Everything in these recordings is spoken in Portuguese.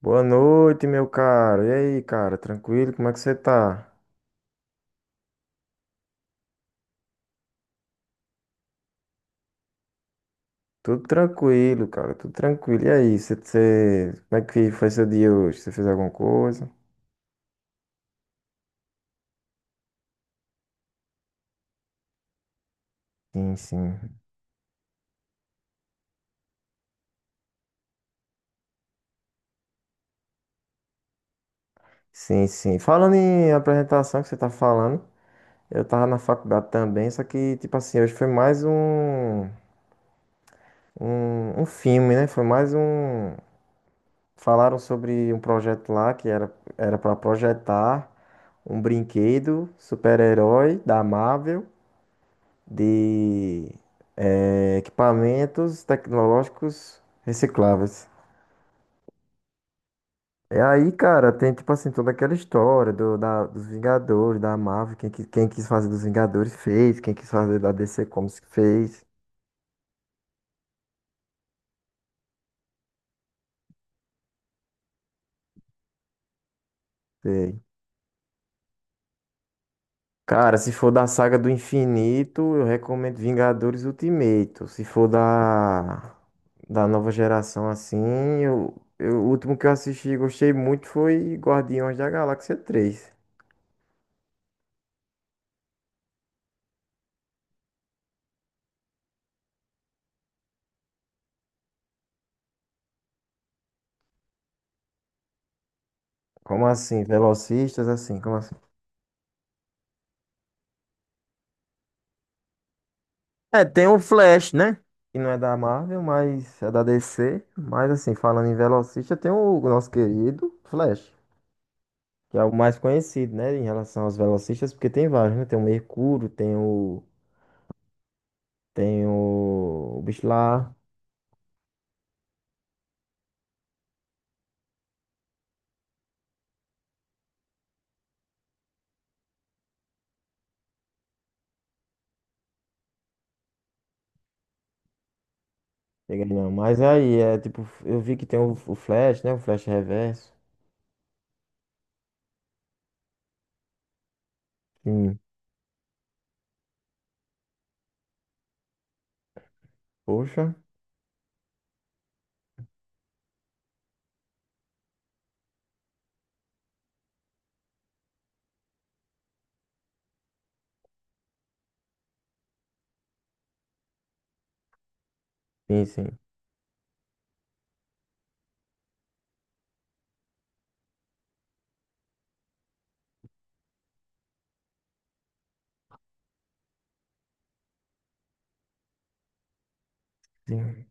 Boa noite, meu cara. E aí, cara? Tranquilo? Como é que você tá? Tudo tranquilo, cara. Tudo tranquilo. E aí, como é que foi seu dia hoje? Você fez alguma coisa? Sim, sim. Sim, sim. Falando em apresentação que você tá falando, eu tava na faculdade também, só que, tipo assim, hoje foi mais um filme, né? Foi mais um. Falaram sobre um projeto lá que era para projetar um brinquedo super-herói da Marvel. De equipamentos tecnológicos recicláveis. E aí, cara, tem tipo assim toda aquela história dos Vingadores, da Marvel, quem quis fazer dos Vingadores fez, quem quis fazer da DC Comics fez. Sei. Cara, se for da saga do infinito, eu recomendo Vingadores Ultimato. Se for da, da nova geração assim, o último que eu assisti e gostei muito foi Guardiões da Galáxia 3. Como assim? Velocistas, assim, como assim? É, tem o Flash, né? Que não é da Marvel, mas é da DC. Mas, assim, falando em velocista, tem o nosso querido Flash, que é o mais conhecido, né? Em relação aos velocistas, porque tem vários, né? Tem o Mercúrio, tem o. Tem o. O bicho lá. Peguei não, mas aí, é tipo, eu vi que tem o Flash, né? O Flash Reverso. Sim. Poxa. Sim, sim. Sim,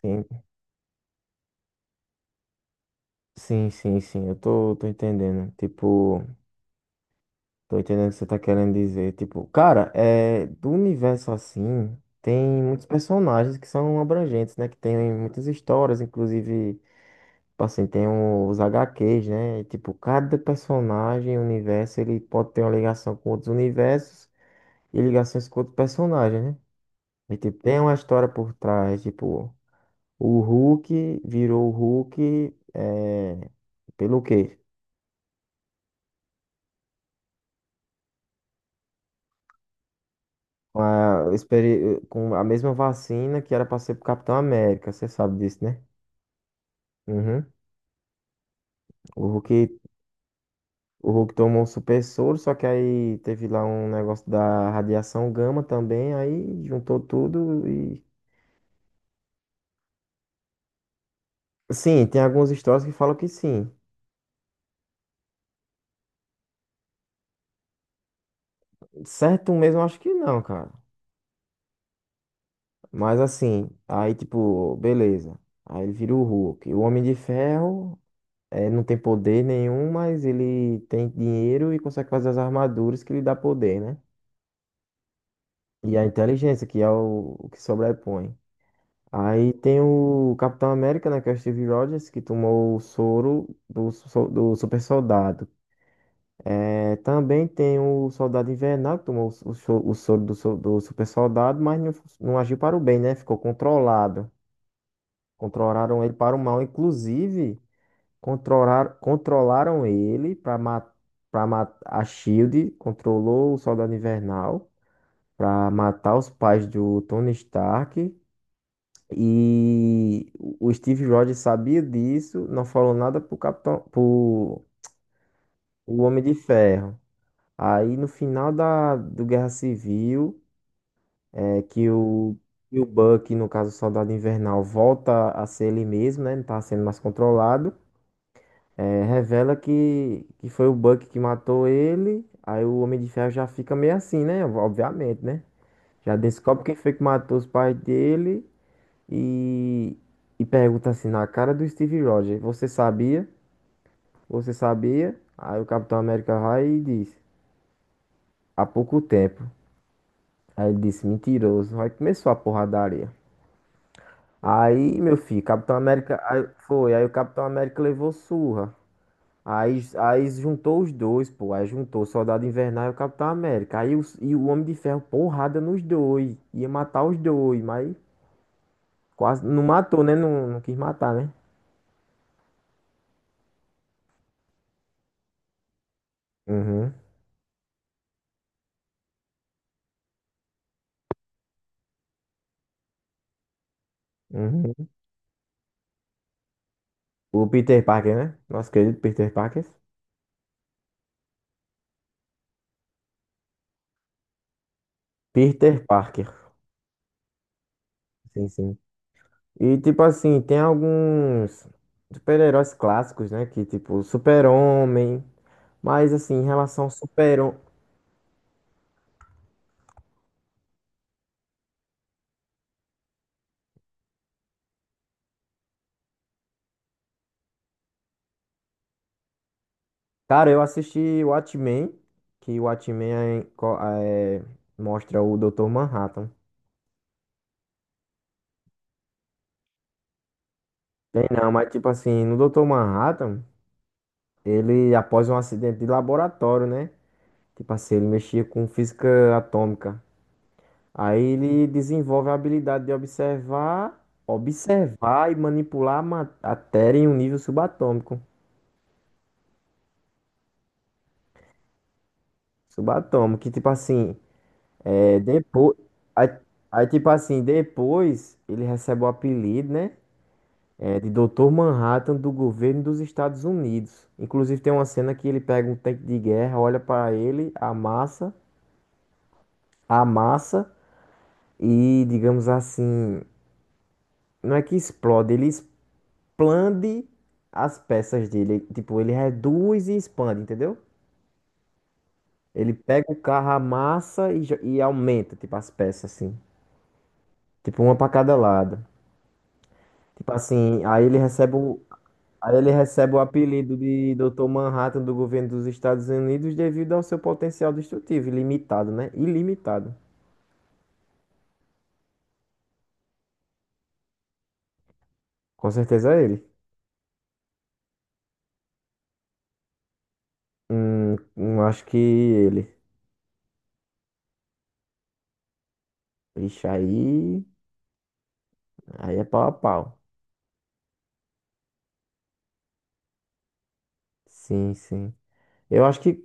sim, sim. Eu tô entendendo. Tipo. Tô entendendo o que você tá querendo dizer. Tipo, cara, é, do universo assim, tem muitos personagens que são abrangentes, né? Que tem muitas histórias, inclusive, tipo assim, tem os HQs, né? E, tipo, cada personagem, universo, ele pode ter uma ligação com outros universos e ligações com outros personagens, né? E, tipo, tem uma história por trás, tipo, o Hulk virou o Hulk, é, pelo quê? Com a, experi- com a mesma vacina que era para ser pro Capitão América, você sabe disso, né? Uhum. O Hulk, o Hulk tomou um super soro, só que aí teve lá um negócio da radiação gama também, aí juntou tudo e. Sim, tem algumas histórias que falam que sim. Certo mesmo, eu acho que não, cara. Mas assim, aí tipo, beleza. Aí ele vira o Hulk. O Homem de Ferro não tem poder nenhum, mas ele tem dinheiro e consegue fazer as armaduras que lhe dá poder, né? E a inteligência, que é o que sobrepõe. Aí tem o Capitão América, né, que é o Steve Rogers, que tomou o soro do, so- do super soldado. É, também tem o Soldado Invernal, que tomou o so- soro do, so- do super soldado, mas não, não agiu para o bem, né? Ficou controlado. Controlaram ele para o mal. Inclusive, controlar, controlaram ele para matar. Pra matar a Shield controlou o Soldado Invernal para matar os pais do Tony Stark. E o Steve Rogers sabia disso, não falou nada pro Capitão, pro o Homem de Ferro. Aí no final da do Guerra Civil, é que o Buck, no caso o Soldado Invernal, volta a ser ele mesmo, né? Não tá sendo mais controlado. É, revela que foi o Buck que matou ele. Aí o Homem de Ferro já fica meio assim, né? Obviamente, né? Já descobre quem foi que matou os pais dele. E, e pergunta assim na cara do Steve Rogers, você sabia? Você sabia? Aí o Capitão América vai e diz, há pouco tempo. Aí ele disse, mentiroso. Aí começou a porradaria. Aí, meu filho, Capitão América, aí foi, aí o Capitão América levou surra. Aí, aí juntou os dois, pô. Aí juntou o Soldado Invernal e o Capitão América. Aí o, e o Homem de Ferro, porrada nos dois. Ia matar os dois, mas quase não matou, né? Não, não quis matar, né? Uhum, uhum. O Peter Parker, né? Nosso querido Peter Parker. Peter Parker. Sim, sim. E tipo assim, tem alguns super-heróis clássicos, né? Que tipo, Super-Homem. Mas assim, em relação ao Super-Homem. Cara, eu assisti o Watchmen, que o Watchmen é, co- é- mostra o Dr. Manhattan. Tem não, mas tipo assim, no Dr. Manhattan, ele, após um acidente de laboratório, né? Tipo assim, ele mexia com física atômica. Aí ele desenvolve a habilidade de observar, observar e manipular a ma- matéria em um nível subatômico. Subatômico, que tipo assim, é, depois, aí, aí, tipo assim, depois ele recebe o apelido, né? É, de Doutor Manhattan do governo dos Estados Unidos. Inclusive tem uma cena que ele pega um tanque de guerra, olha para ele, amassa, amassa e, digamos assim, não é que explode, ele expande as peças dele. Tipo, ele reduz e expande, entendeu? Ele pega o carro, amassa e, jo- e aumenta, tipo, as peças, assim. Tipo, uma pra cada lado. Tipo assim, aí ele recebe o apelido de Dr. Manhattan do governo dos Estados Unidos devido ao seu potencial destrutivo, ilimitado, né? Ilimitado. Com certeza é ele. Acho que ele. Ixi, aí. Aí é pau a pau. Sim, sim. Eu acho que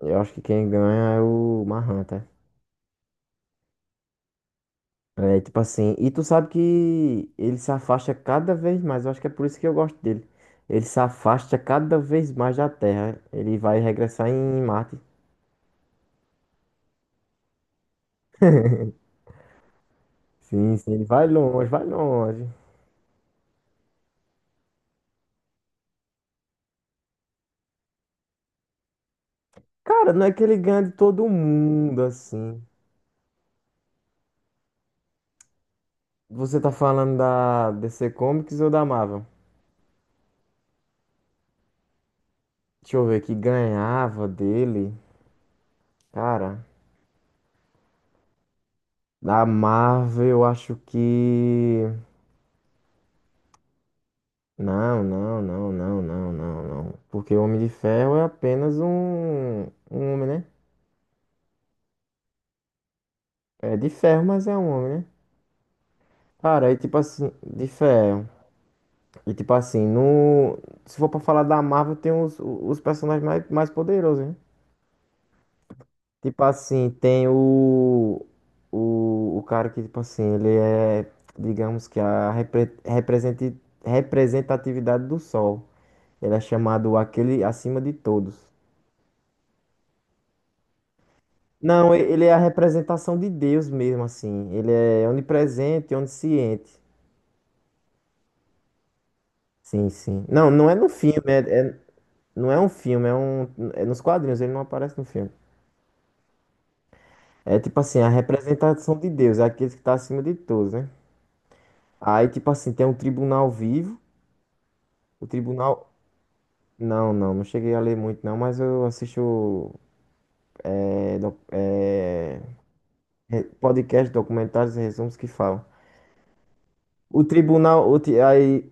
Eu acho que quem ganha é o Mahan, tá? É, tipo assim, e tu sabe que ele se afasta cada vez mais, eu acho que é por isso que eu gosto dele. Ele se afasta cada vez mais da Terra. Ele vai regressar em Marte. Sim, sim, ele vai longe, vai longe. Cara, não é que ele ganha de todo mundo, assim. Você tá falando da DC Comics ou da Marvel? Deixa eu ver, que ganhava dele. Cara, da Marvel eu acho que. Não, não, não. Porque o Homem de Ferro é apenas um, um homem, né? É de ferro, mas é um homem, né? Cara, e tipo assim, de ferro. E tipo assim, no, se for pra falar da Marvel, tem os personagens mais poderosos, né? Tipo assim, tem o cara que, tipo assim, ele é, digamos que a repre, representi- representatividade do Sol. Ele é chamado aquele acima de todos. Não, e- ele é a representação de Deus mesmo, assim. Ele é onipresente, onisciente. Sim, sim. Não, não é no filme, é, é- não é um filme, é um, é nos quadrinhos, ele não aparece no filme. É tipo assim, a representação de Deus, é aquele que tá acima de todos, né? Aí, tipo assim, tem um tribunal vivo, o tribunal... Não, não, não cheguei a ler muito, não, mas eu assisto é, doc- é, re- podcast, documentários e resumos que falam. O tribunal, o, ti- aí...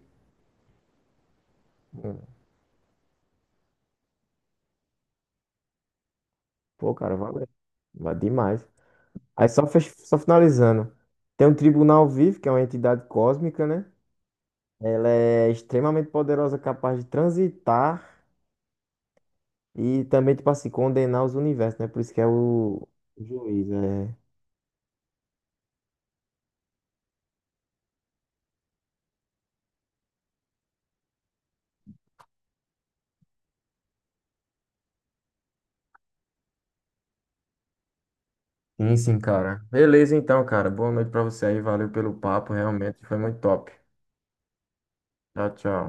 Pô, cara, valeu. Vai demais. Aí só, fech- só finalizando. Tem um tribunal vivo, que é uma entidade cósmica, né? Ela é extremamente poderosa, capaz de transitar e também, tipo assim, condenar os universos, né? Por isso que é o juiz, é. Sim, sim, cara. Beleza, então, cara. Boa noite pra você aí. Valeu pelo papo, realmente foi muito top. Tchau, tchau.